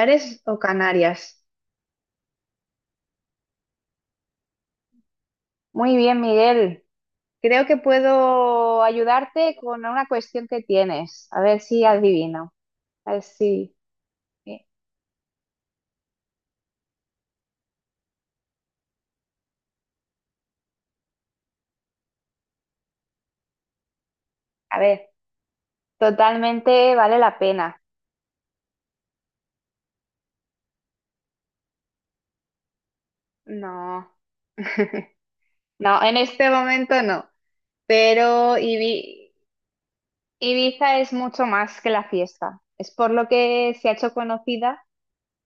Canarias o Canarias? Muy bien, Miguel. Creo que puedo ayudarte con una cuestión que tienes. A ver si adivino. A ver si. eh, a ver, totalmente vale la pena. No, no, en este momento no. Pero Ibi- Ibiza es mucho más que la fiesta. Es por lo que se ha hecho conocida,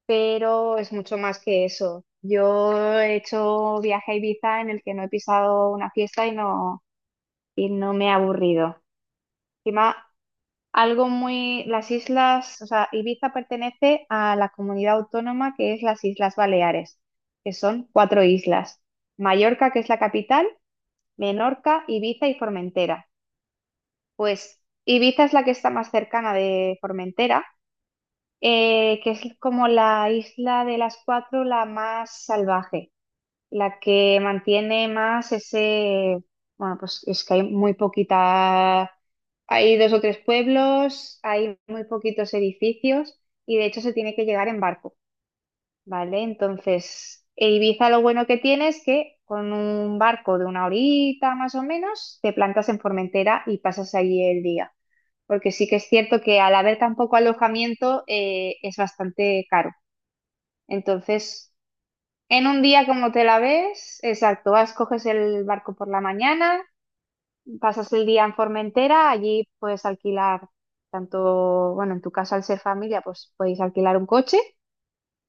pero es mucho más que eso. Yo he hecho viaje a Ibiza en el que no he pisado una fiesta y no me ha aburrido. Encima, las islas, o sea, Ibiza pertenece a la comunidad autónoma que es las Islas Baleares, que son cuatro islas: Mallorca, que es la capital, Menorca, Ibiza y Formentera. Pues Ibiza es la que está más cercana de Formentera, que es como la isla de las cuatro la más salvaje. La que mantiene más ese, bueno, pues es que hay muy poquita, hay dos o tres pueblos, hay muy poquitos edificios y de hecho se tiene que llegar en barco, ¿vale? Entonces, e Ibiza lo bueno que tiene es que con un barco de una horita más o menos, te plantas en Formentera y pasas allí el día. Porque sí que es cierto que al haber tan poco alojamiento es bastante caro. Entonces, en un día como te la ves, exacto, vas, coges el barco por la mañana, pasas el día en Formentera, allí puedes alquilar tanto, bueno, en tu caso al ser familia, pues podéis alquilar un coche,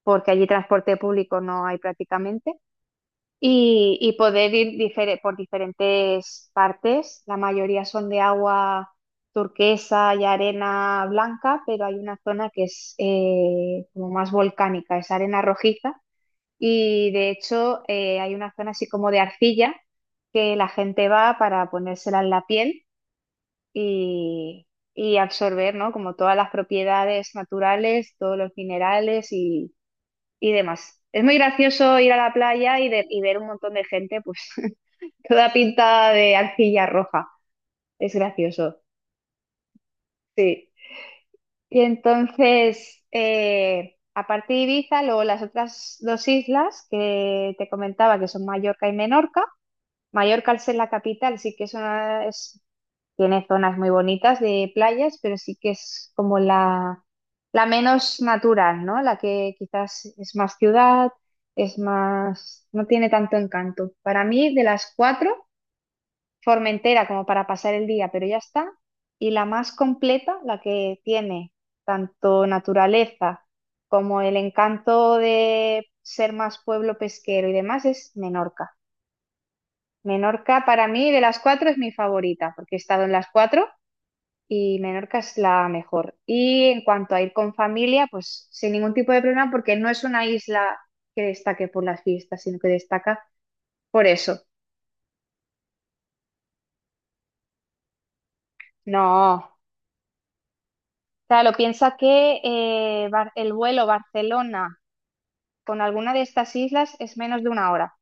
porque allí transporte público no hay prácticamente, y poder ir por diferentes partes. La mayoría son de agua turquesa y arena blanca, pero hay una zona que es como más volcánica, es arena rojiza y de hecho, hay una zona así como de arcilla que la gente va para ponérsela en la piel y, y absorber, ¿no? Como todas las propiedades naturales, todos los minerales y demás. Es muy gracioso ir a la playa y y ver un montón de gente, pues, toda pintada de arcilla roja. Es gracioso, sí. Y entonces, aparte de Ibiza, luego las otras dos islas que te comentaba, que son Mallorca y Menorca. Mallorca, al ser la capital, sí que es una- es- tiene zonas muy bonitas de playas, pero sí que es como la menos natural, ¿no? La que quizás es más ciudad, es más, no tiene tanto encanto. Para mí, de las cuatro, Formentera como para pasar el día, pero ya está. Y la más completa, la que tiene tanto naturaleza como el encanto de ser más pueblo pesquero y demás, es Menorca. Menorca para mí de las cuatro es mi favorita, porque he estado en las cuatro y Menorca es la mejor. Y en cuanto a ir con familia, pues sin ningún tipo de problema, porque no es una isla que destaque por las fiestas, sino que destaca por eso. No, claro, piensa que el vuelo Barcelona con alguna de estas islas es menos de una hora.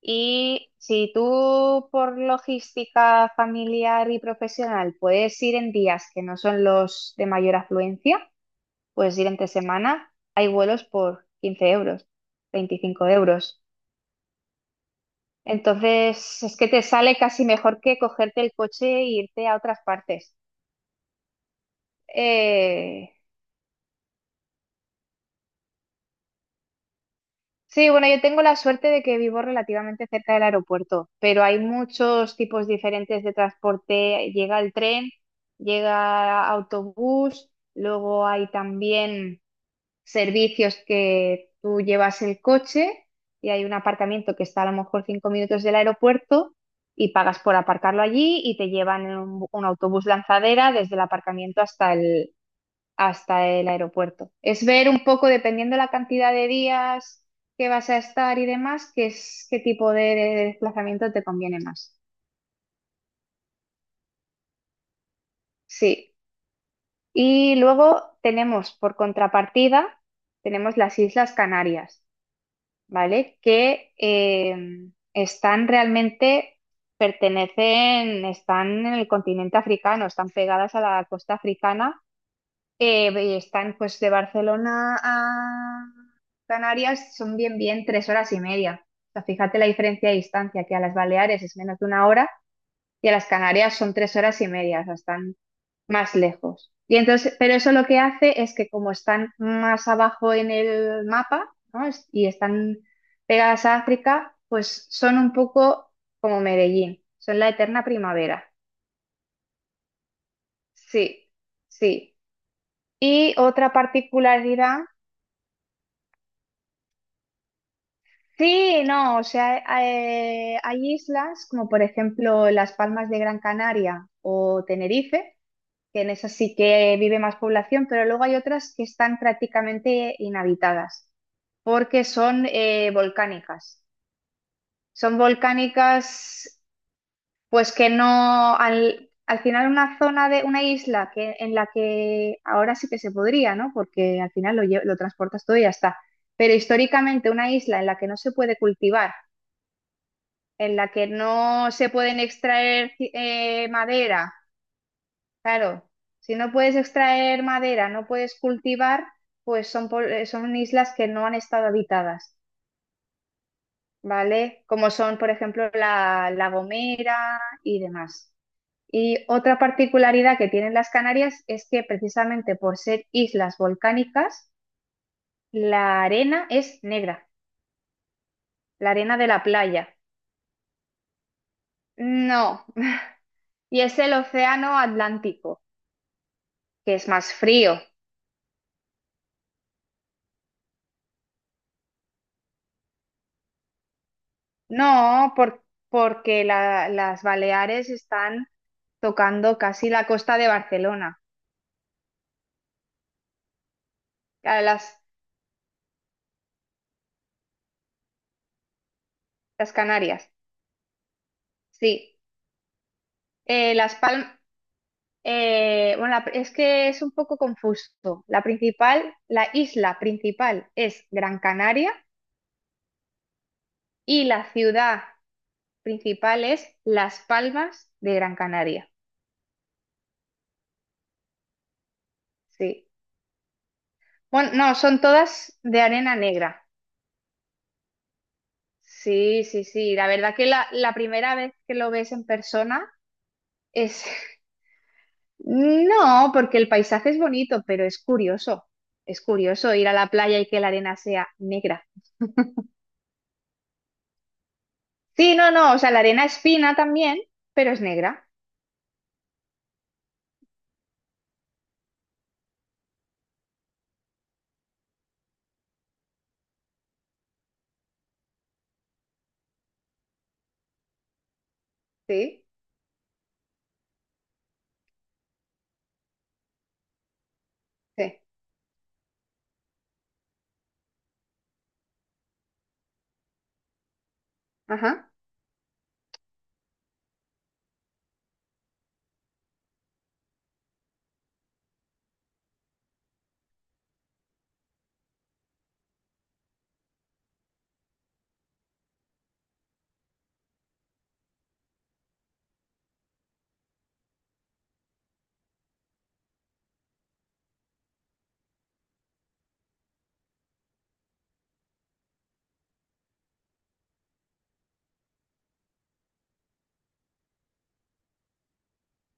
Y si tú por logística familiar y profesional puedes ir en días que no son los de mayor afluencia, puedes ir entre semana, hay vuelos por 15 euros, 25 euros. Entonces, es que te sale casi mejor que cogerte el coche e irte a otras partes. Eh, sí, bueno, yo tengo la suerte de que vivo relativamente cerca del aeropuerto, pero hay muchos tipos diferentes de transporte. Llega el tren, llega autobús, luego hay también servicios que tú llevas el coche y hay un aparcamiento que está a lo mejor 5 minutos del aeropuerto y pagas por aparcarlo allí y te llevan en un autobús lanzadera desde el aparcamiento hasta el aeropuerto. Es ver un poco, dependiendo la cantidad de días que vas a estar y demás, qué es, qué tipo de desplazamiento te conviene más. Sí. Y luego tenemos, por contrapartida, tenemos las Islas Canarias, ¿vale? Que están realmente, pertenecen, están en el continente africano, están pegadas a la costa africana, y están, pues, de Barcelona a Canarias son bien, bien 3 horas y media. O sea, fíjate la diferencia de distancia, que a las Baleares es menos de una hora y a las Canarias son 3 horas y media, o sea, están más lejos. Y entonces, pero eso lo que hace es que como están más abajo en el mapa, ¿no? Es- Y están pegadas a África, pues son un poco como Medellín, son la eterna primavera. Sí, sí. Y otra particularidad, sí, no, o sea, hay islas como por ejemplo las Palmas de Gran Canaria o Tenerife, que en esas sí que vive más población, pero luego hay otras que están prácticamente inhabitadas porque son volcánicas. Son volcánicas, pues que no, al final una zona de una isla que, en la que ahora sí que se podría, ¿no? Porque al final lo transportas todo y ya está. Pero históricamente una isla en la que no se puede cultivar, en la que no se pueden extraer madera. Claro, si no puedes extraer madera, no puedes cultivar, pues son, son islas que no han estado habitadas, ¿vale? Como son, por ejemplo, la, La Gomera y demás. Y otra particularidad que tienen las Canarias es que precisamente por ser islas volcánicas, la arena es negra, la arena de la playa. No, y es el océano Atlántico, que es más frío. No, por- porque las Baleares están tocando casi la costa de Barcelona, a las Canarias. Sí, Las Palmas, bueno, es que es un poco confuso. La principal, la isla principal es Gran Canaria y la ciudad principal es Las Palmas de Gran Canaria. Sí. Bueno, no, son todas de arena negra. Sí, sí, sí. La verdad que la primera vez que lo ves en persona es... No, porque el paisaje es bonito, pero es curioso. Es curioso ir a la playa y que la arena sea negra. Sí, no, no, o sea, la arena es fina también, pero es negra. Sí, sí. Ajá.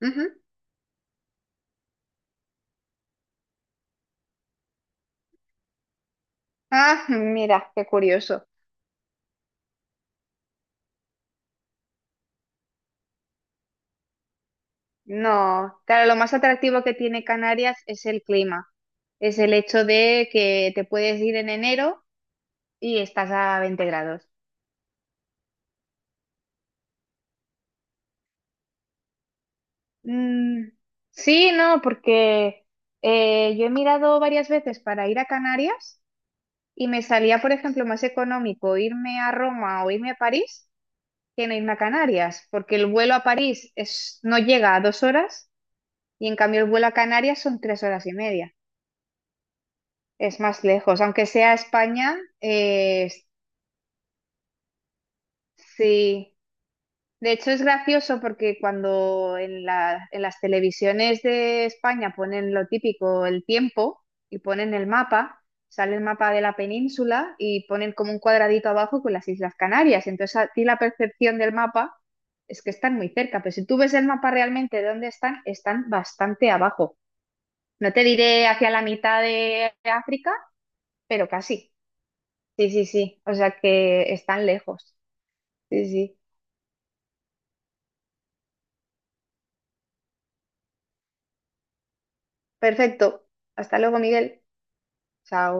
Ujú. Ah, mira, qué curioso. No, claro, lo más atractivo que tiene Canarias es el clima. Es el hecho de que te puedes ir en enero y estás a 20 grados. Mm, sí, no, porque yo he mirado varias veces para ir a Canarias. Y me salía, por ejemplo, más económico irme a Roma o irme a París que no irme a Canarias, porque el vuelo a París es, no llega a 2 horas y en cambio el vuelo a Canarias son 3 horas y media. Es más lejos, aunque sea España, sí. De hecho, es gracioso porque cuando en las televisiones de España ponen lo típico, el tiempo, y ponen el mapa, sale el mapa de la península y ponen como un cuadradito abajo con las Islas Canarias. Entonces, a ti la percepción del mapa es que están muy cerca, pero si tú ves el mapa realmente de dónde están, están bastante abajo. No te diré hacia la mitad de África, pero casi. Sí, sí, sí. O sea que están lejos. Sí, sí. Perfecto. Hasta luego, Miguel. Chao.